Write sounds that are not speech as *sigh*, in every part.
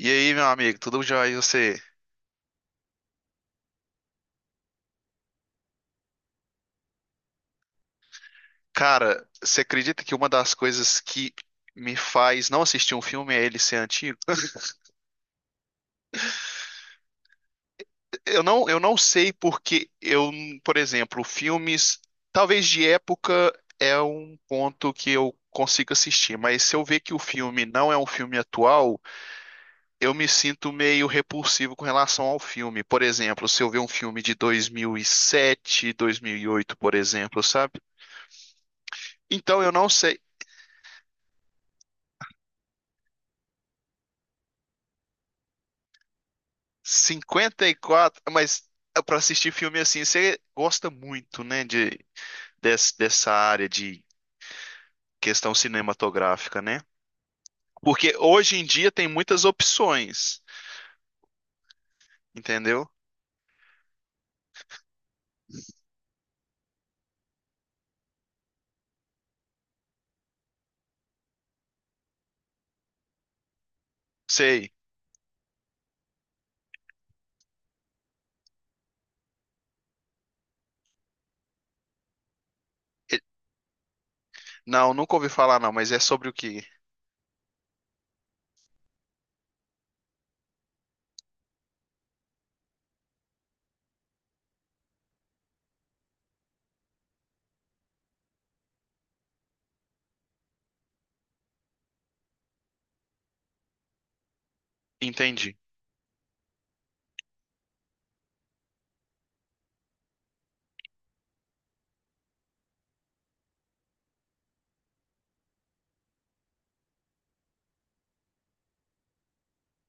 E aí, meu amigo, tudo jóia? E você? Cara, você acredita que uma das coisas que me faz não assistir um filme é ele ser antigo? Eu não sei porque eu, por exemplo, filmes, talvez de época é um ponto que eu consigo assistir, mas se eu ver que o filme não é um filme atual, eu me sinto meio repulsivo com relação ao filme. Por exemplo, se eu ver um filme de 2007, 2008, por exemplo, sabe? Então, eu não sei. 54, mas para assistir filme assim, você gosta muito, né, de dessa área de questão cinematográfica, né? Porque hoje em dia tem muitas opções, entendeu? Sei. E- Não, nunca ouvi falar não, mas é sobre o que? Entendi.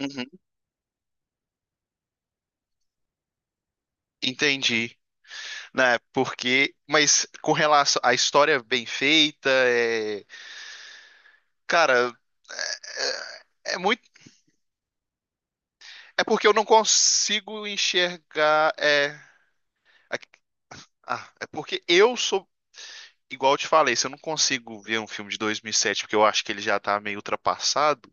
Uhum. Entendi. Né? Porque, mas com relação à história bem feita, é, cara, é muito, é porque eu não consigo enxergar, a- é porque eu sou igual eu te falei, se eu não consigo ver um filme de 2007 porque eu acho que ele já tá meio ultrapassado,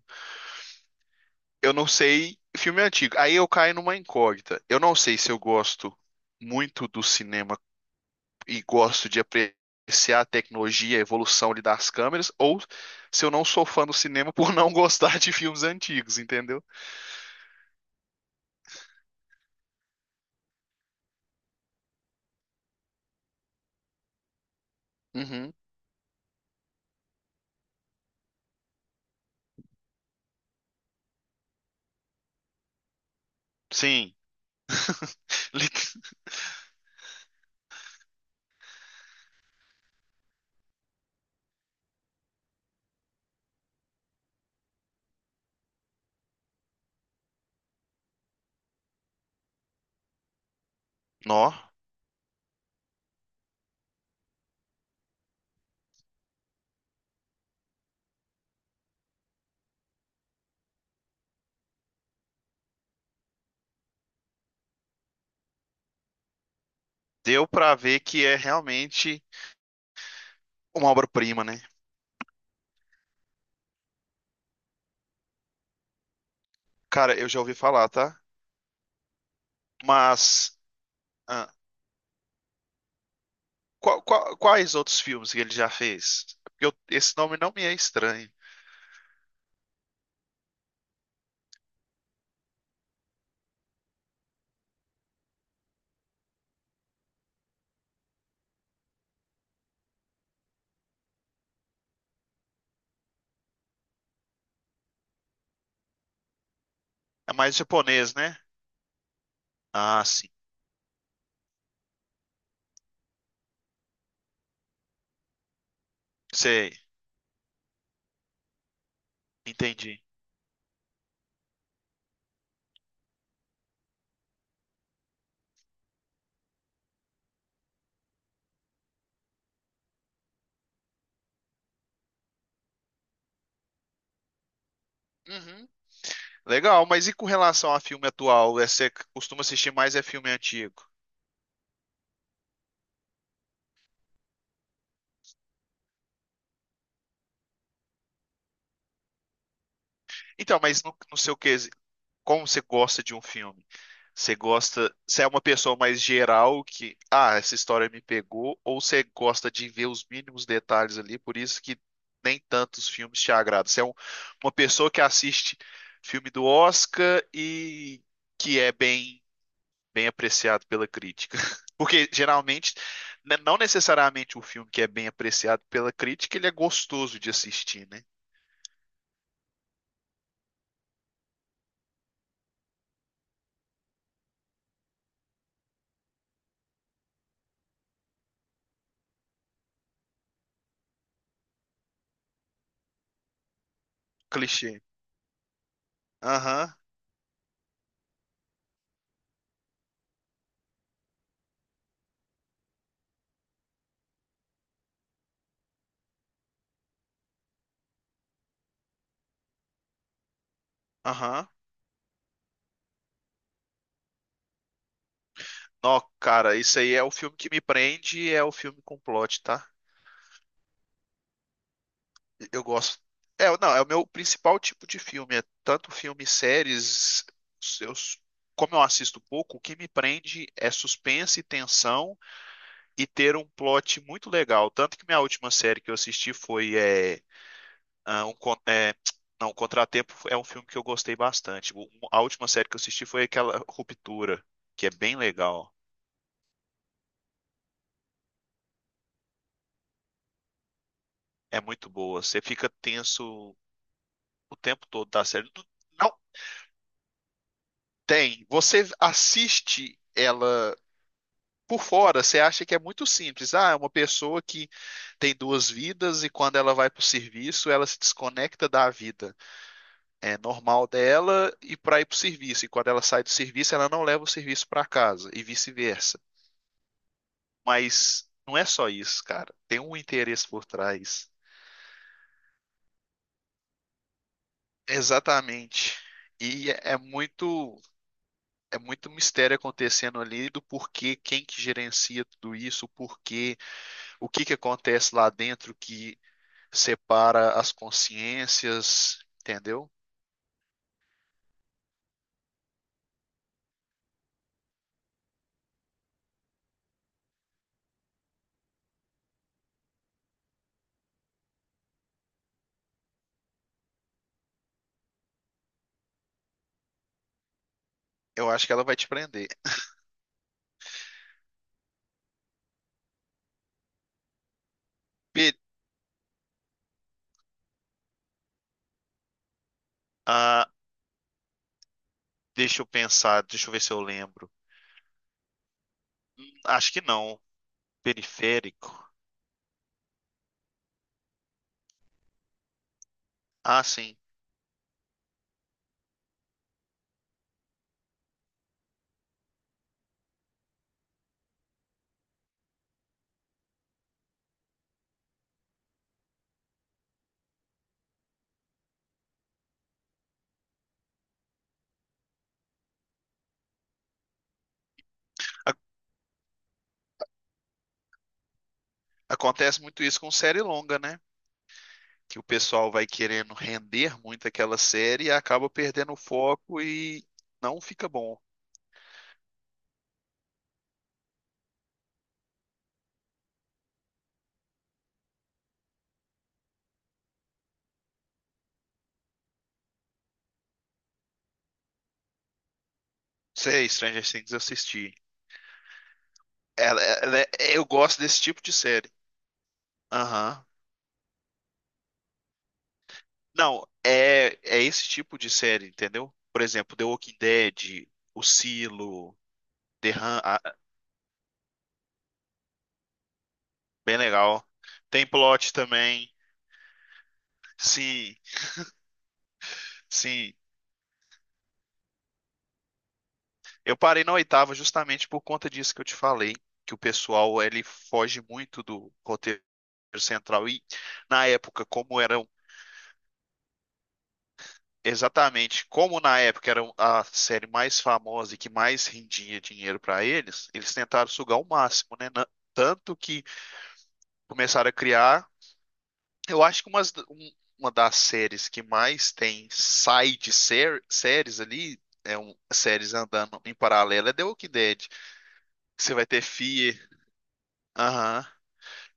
eu não sei filme antigo. Aí eu caio numa incógnita. Eu não sei se eu gosto muito do cinema e gosto de apreciar a tecnologia, a evolução ali das câmeras, ou se eu não sou fã do cinema *laughs* por não gostar de filmes antigos, entendeu? Uhum. Sim. Li- Nó, deu pra ver que é realmente uma obra-prima, né? Cara, eu já ouvi falar, tá? Mas ah, quais outros filmes que ele já fez? Porque eu- esse nome não me é estranho. É mais japonês, né? Ah, sim. Sei. Entendi. Uhum. Legal, mas e com relação a filme atual? É, você costuma assistir mais é filme antigo? Então, mas no seu quesito, como você gosta de um filme? Você gosta, você é uma pessoa mais geral que, ah, essa história me pegou, ou você gosta de ver os mínimos detalhes ali, por isso que nem tantos filmes te agradam. Você é uma pessoa que assiste filme do Oscar e que é bem bem apreciado pela crítica. *laughs* Porque geralmente, né, não necessariamente o filme que é bem apreciado pela crítica, ele é gostoso de assistir, né? Clichê. Aham, aham. Nó, cara, isso aí é o filme que me prende e é o filme com plot, tá? Eu gosto. É, não, é o meu principal tipo de filme. É tanto filme, séries. Eu, como eu assisto pouco, o que me prende é suspense, tensão e ter um plot muito legal. Tanto que minha última série que eu assisti foi é, ah, um, con- é, não, um Contratempo. É um filme que eu gostei bastante. A última série que eu assisti foi aquela Ruptura, que é bem legal. É muito boa. Você fica tenso o tempo todo da série. Não tem. Você assiste ela por fora, você acha que é muito simples. Ah, é uma pessoa que tem duas vidas e quando ela vai para o serviço, ela se desconecta da vida normal dela e para ir para o serviço. E quando ela sai do serviço, ela não leva o serviço para casa e vice-versa. Mas não é só isso, cara. Tem um interesse por trás. Exatamente. E é é muito, é muito mistério acontecendo ali do porquê, quem que gerencia tudo isso, o porquê, o que que acontece lá dentro que separa as consciências, entendeu? Eu acho que ela vai te prender. Pe- ah, Deixa eu pensar, deixa eu ver se eu lembro. Acho que não. Periférico. Ah, sim. A- Acontece muito isso com série longa, né? Que o pessoal vai querendo render muito aquela série e acaba perdendo o foco e não fica bom. Sei, Stranger Things eu assisti. Ela- ela é- eu gosto desse tipo de série. Aham. Não, é, é esse tipo de série, entendeu? Por exemplo, The Walking Dead, O Silo, The Hun- ah, bem legal. Tem plot também. Sim, sim. Eu parei na oitava justamente por conta disso que eu te falei, que o pessoal ele foge muito do roteiro central e na época como eram exatamente como na época era a série mais famosa e que mais rendia dinheiro para eles, eles tentaram sugar o máximo, né? Tanto que começaram a criar. Eu acho que uma das séries que mais tem side séries ali, séries andando em paralelo, é The Walking Dead. Você vai ter Fear, aham.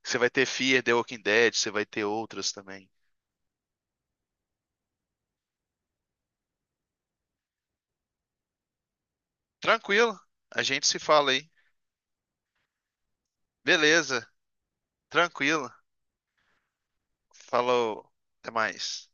Você vai ter Fear, The Walking Dead, você vai ter outras também. Tranquilo, a gente se fala aí. Beleza, tranquilo. Falou, até mais.